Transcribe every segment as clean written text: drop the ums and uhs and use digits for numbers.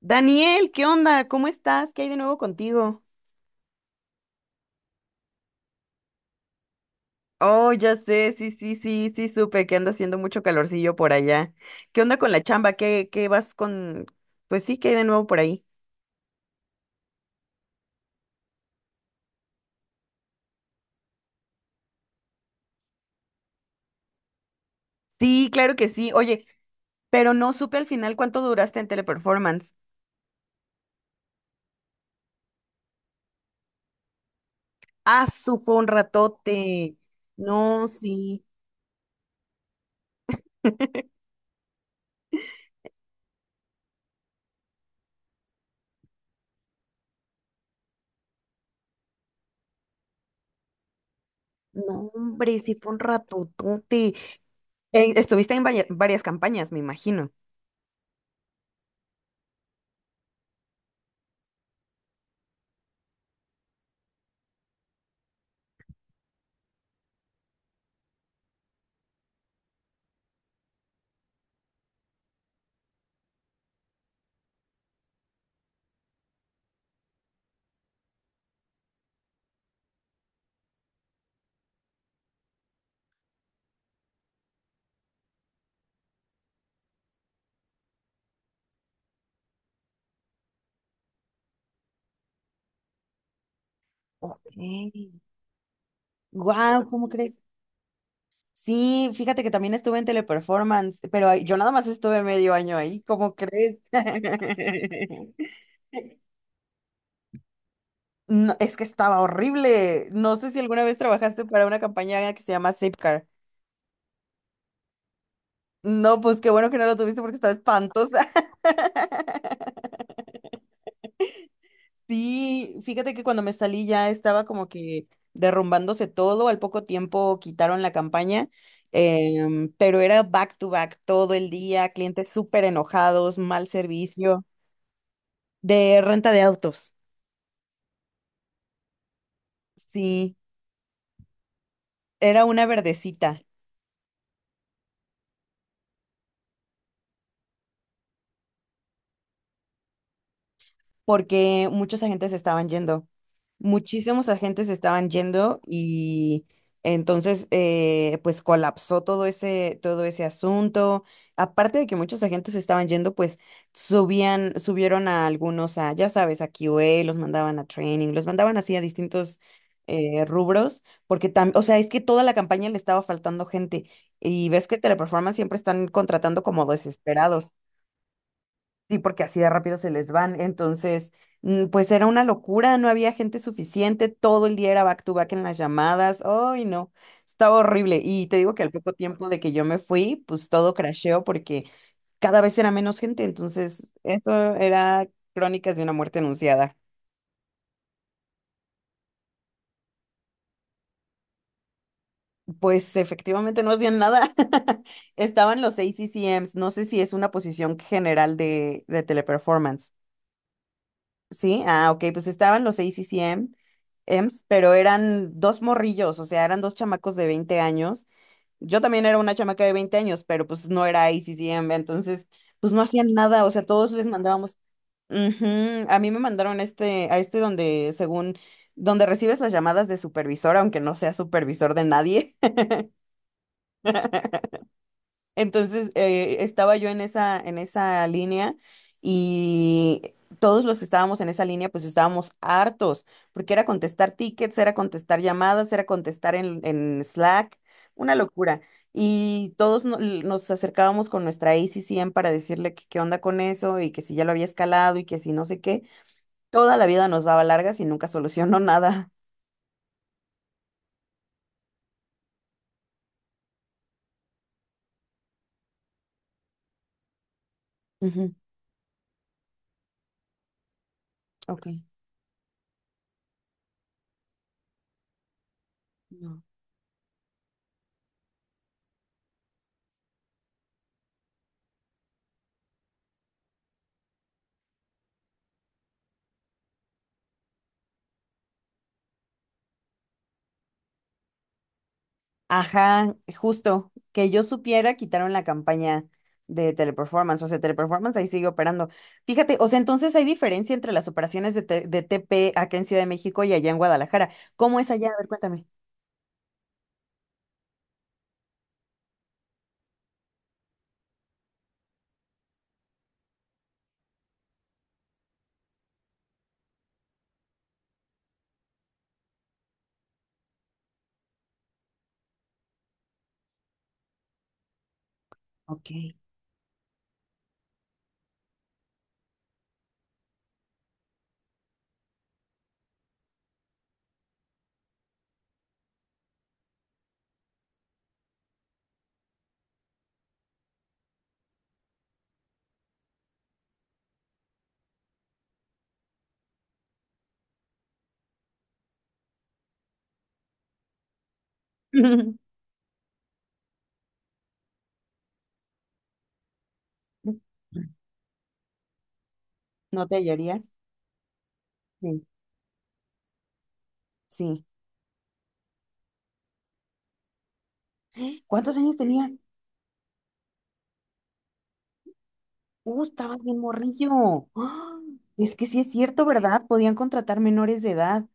Daniel, ¿qué onda? ¿Cómo estás? ¿Qué hay de nuevo contigo? Oh, ya sé, sí, sí, sí, sí, supe que anda haciendo mucho calorcillo por allá. ¿Qué onda con la chamba? ¿Qué vas con...? Pues sí, ¿qué hay de nuevo por ahí? Sí, claro que sí. Oye, pero no supe al final cuánto duraste en Teleperformance. Ah, fue un ratote. No, sí. No, hombre, sí fue un ratotote. Estuviste en varias campañas, me imagino. Ok. Guau, ¿cómo crees? Sí, fíjate que también estuve en Teleperformance, pero yo nada más estuve medio año ahí, ¿cómo crees? No, es que estaba horrible. No sé si alguna vez trabajaste para una campaña que se llama Zipcar. No, pues qué bueno que no lo tuviste porque estaba espantosa. Sí, fíjate que cuando me salí ya estaba como que derrumbándose todo, al poco tiempo quitaron la campaña, pero era back to back todo el día, clientes súper enojados, mal servicio. De renta de autos. Sí, era una verdecita. Porque muchos agentes estaban yendo, muchísimos agentes estaban yendo y entonces pues colapsó todo ese asunto. Aparte de que muchos agentes estaban yendo, pues subieron a algunos a, ya sabes, a Q QA, los mandaban a training, los mandaban así a distintos rubros, porque también, o sea, es que toda la campaña le estaba faltando gente y ves que Teleperformance siempre están contratando como desesperados. Sí, porque así de rápido se les van. Entonces, pues era una locura, no había gente suficiente, todo el día era back to back en las llamadas. Ay, no, estaba horrible. Y te digo que al poco tiempo de que yo me fui, pues todo crasheó porque cada vez era menos gente. Entonces, eso era crónicas de una muerte anunciada. Pues efectivamente no hacían nada. Estaban los ACCMs, no sé si es una posición general de Teleperformance. Sí, ah, ok, pues estaban los ACCM EMS, pero eran dos morrillos, o sea, eran dos chamacos de 20 años. Yo también era una chamaca de 20 años, pero pues no era ICCM, entonces pues no hacían nada, o sea, todos les mandábamos. Ujú. A mí me mandaron este, a este donde, según, donde recibes las llamadas de supervisor, aunque no sea supervisor de nadie. Entonces, estaba yo en esa línea y todos los que estábamos en esa línea, pues estábamos hartos, porque era contestar tickets, era contestar llamadas, era contestar en Slack, una locura. Y todos nos acercábamos con nuestra ACCM para decirle que qué onda con eso y que si ya lo había escalado y que si no sé qué. Toda la vida nos daba largas y nunca solucionó nada. Ujú. Ok. No. Ajá, justo, que yo supiera, quitaron la campaña de Teleperformance, o sea, Teleperformance ahí sigue operando. Fíjate, o sea, entonces hay diferencia entre las operaciones de TP acá en Ciudad de México y allá en Guadalajara. ¿Cómo es allá? A ver, cuéntame. Ok. ¿No te hallarías? Sí, sí. ¿Cuántos años tenías? Estabas bien morrillo. ¡Ah! Es que sí es cierto, ¿verdad? Podían contratar menores de edad.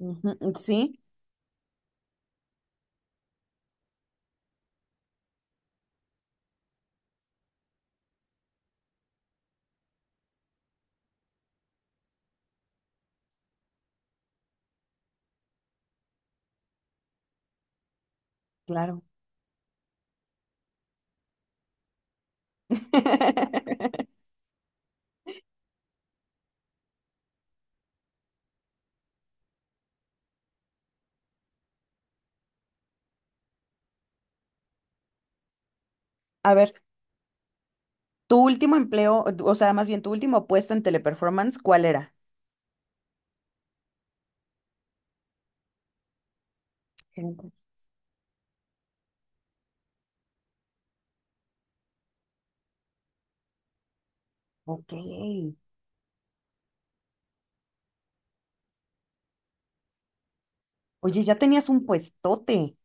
Ujú, sí, claro. A ver. Tu último empleo, o sea, más bien tu último puesto en Teleperformance, ¿cuál era? Gerente. Ok. Oye, ya tenías un puestote.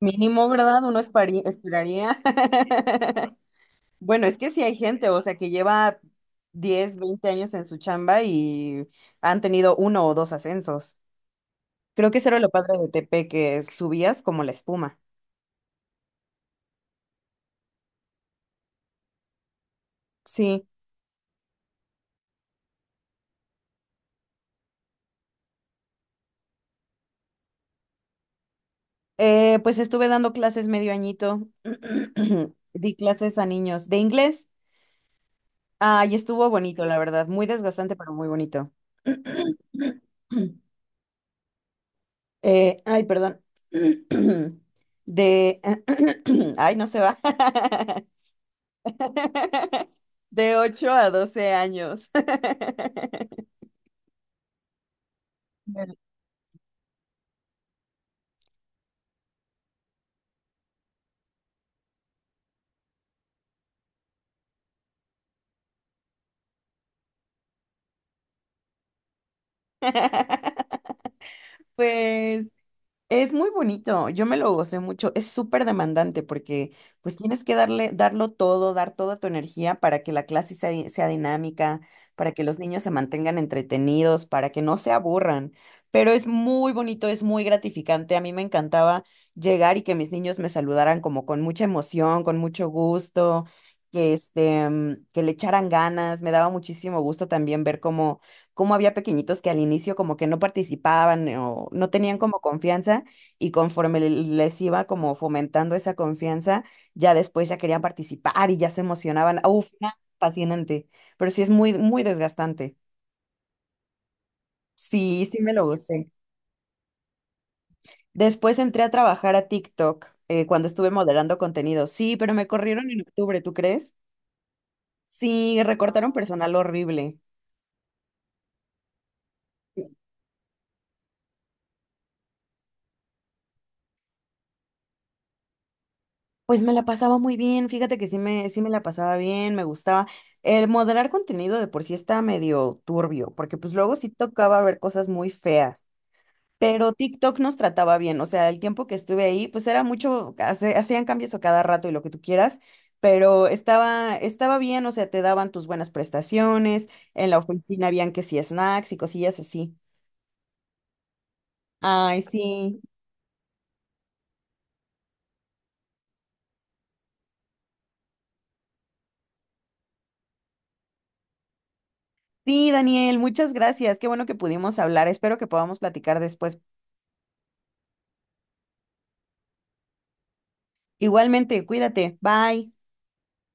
Mínimo, ¿verdad? Uno esperaría. Bueno, es que sí hay gente, o sea, que lleva 10, 20 años en su chamba y han tenido uno o dos ascensos. Creo que eso era lo padre de TP, que subías como la espuma. Sí. Pues estuve dando clases medio añito. Di clases a niños de inglés. Ay, estuvo bonito, la verdad. Muy desgastante, pero muy bonito. Ay, perdón. De... Ay, no se va. De 8 a 12 años. Pues es muy bonito, yo me lo gocé mucho, es súper demandante porque pues tienes que darlo todo, dar toda tu energía para que la clase sea dinámica, para que los niños se mantengan entretenidos, para que no se aburran, pero es muy bonito, es muy gratificante, a mí me encantaba llegar y que mis niños me saludaran como con mucha emoción, con mucho gusto, que le echaran ganas, me daba muchísimo gusto también ver cómo había pequeñitos que al inicio como que no participaban o no tenían como confianza y conforme les iba como fomentando esa confianza, ya después ya querían participar y ya se emocionaban. Uf, no, fascinante, pero sí es muy, muy desgastante. Sí, sí me lo gocé. Después entré a trabajar a TikTok cuando estuve moderando contenido. Sí, pero me corrieron en octubre, ¿tú crees? Sí, recortaron personal horrible. Pues me la pasaba muy bien, fíjate que sí me la pasaba bien, me gustaba. El moderar contenido de por sí está medio turbio, porque pues luego sí tocaba ver cosas muy feas, pero TikTok nos trataba bien, o sea, el tiempo que estuve ahí, pues era mucho, hacían cambios a cada rato y lo que tú quieras, pero estaba bien, o sea, te daban tus buenas prestaciones, en la oficina habían que sí snacks y cosillas así. Ay, sí. Sí, Daniel, muchas gracias. Qué bueno que pudimos hablar. Espero que podamos platicar después. Igualmente, cuídate. Bye.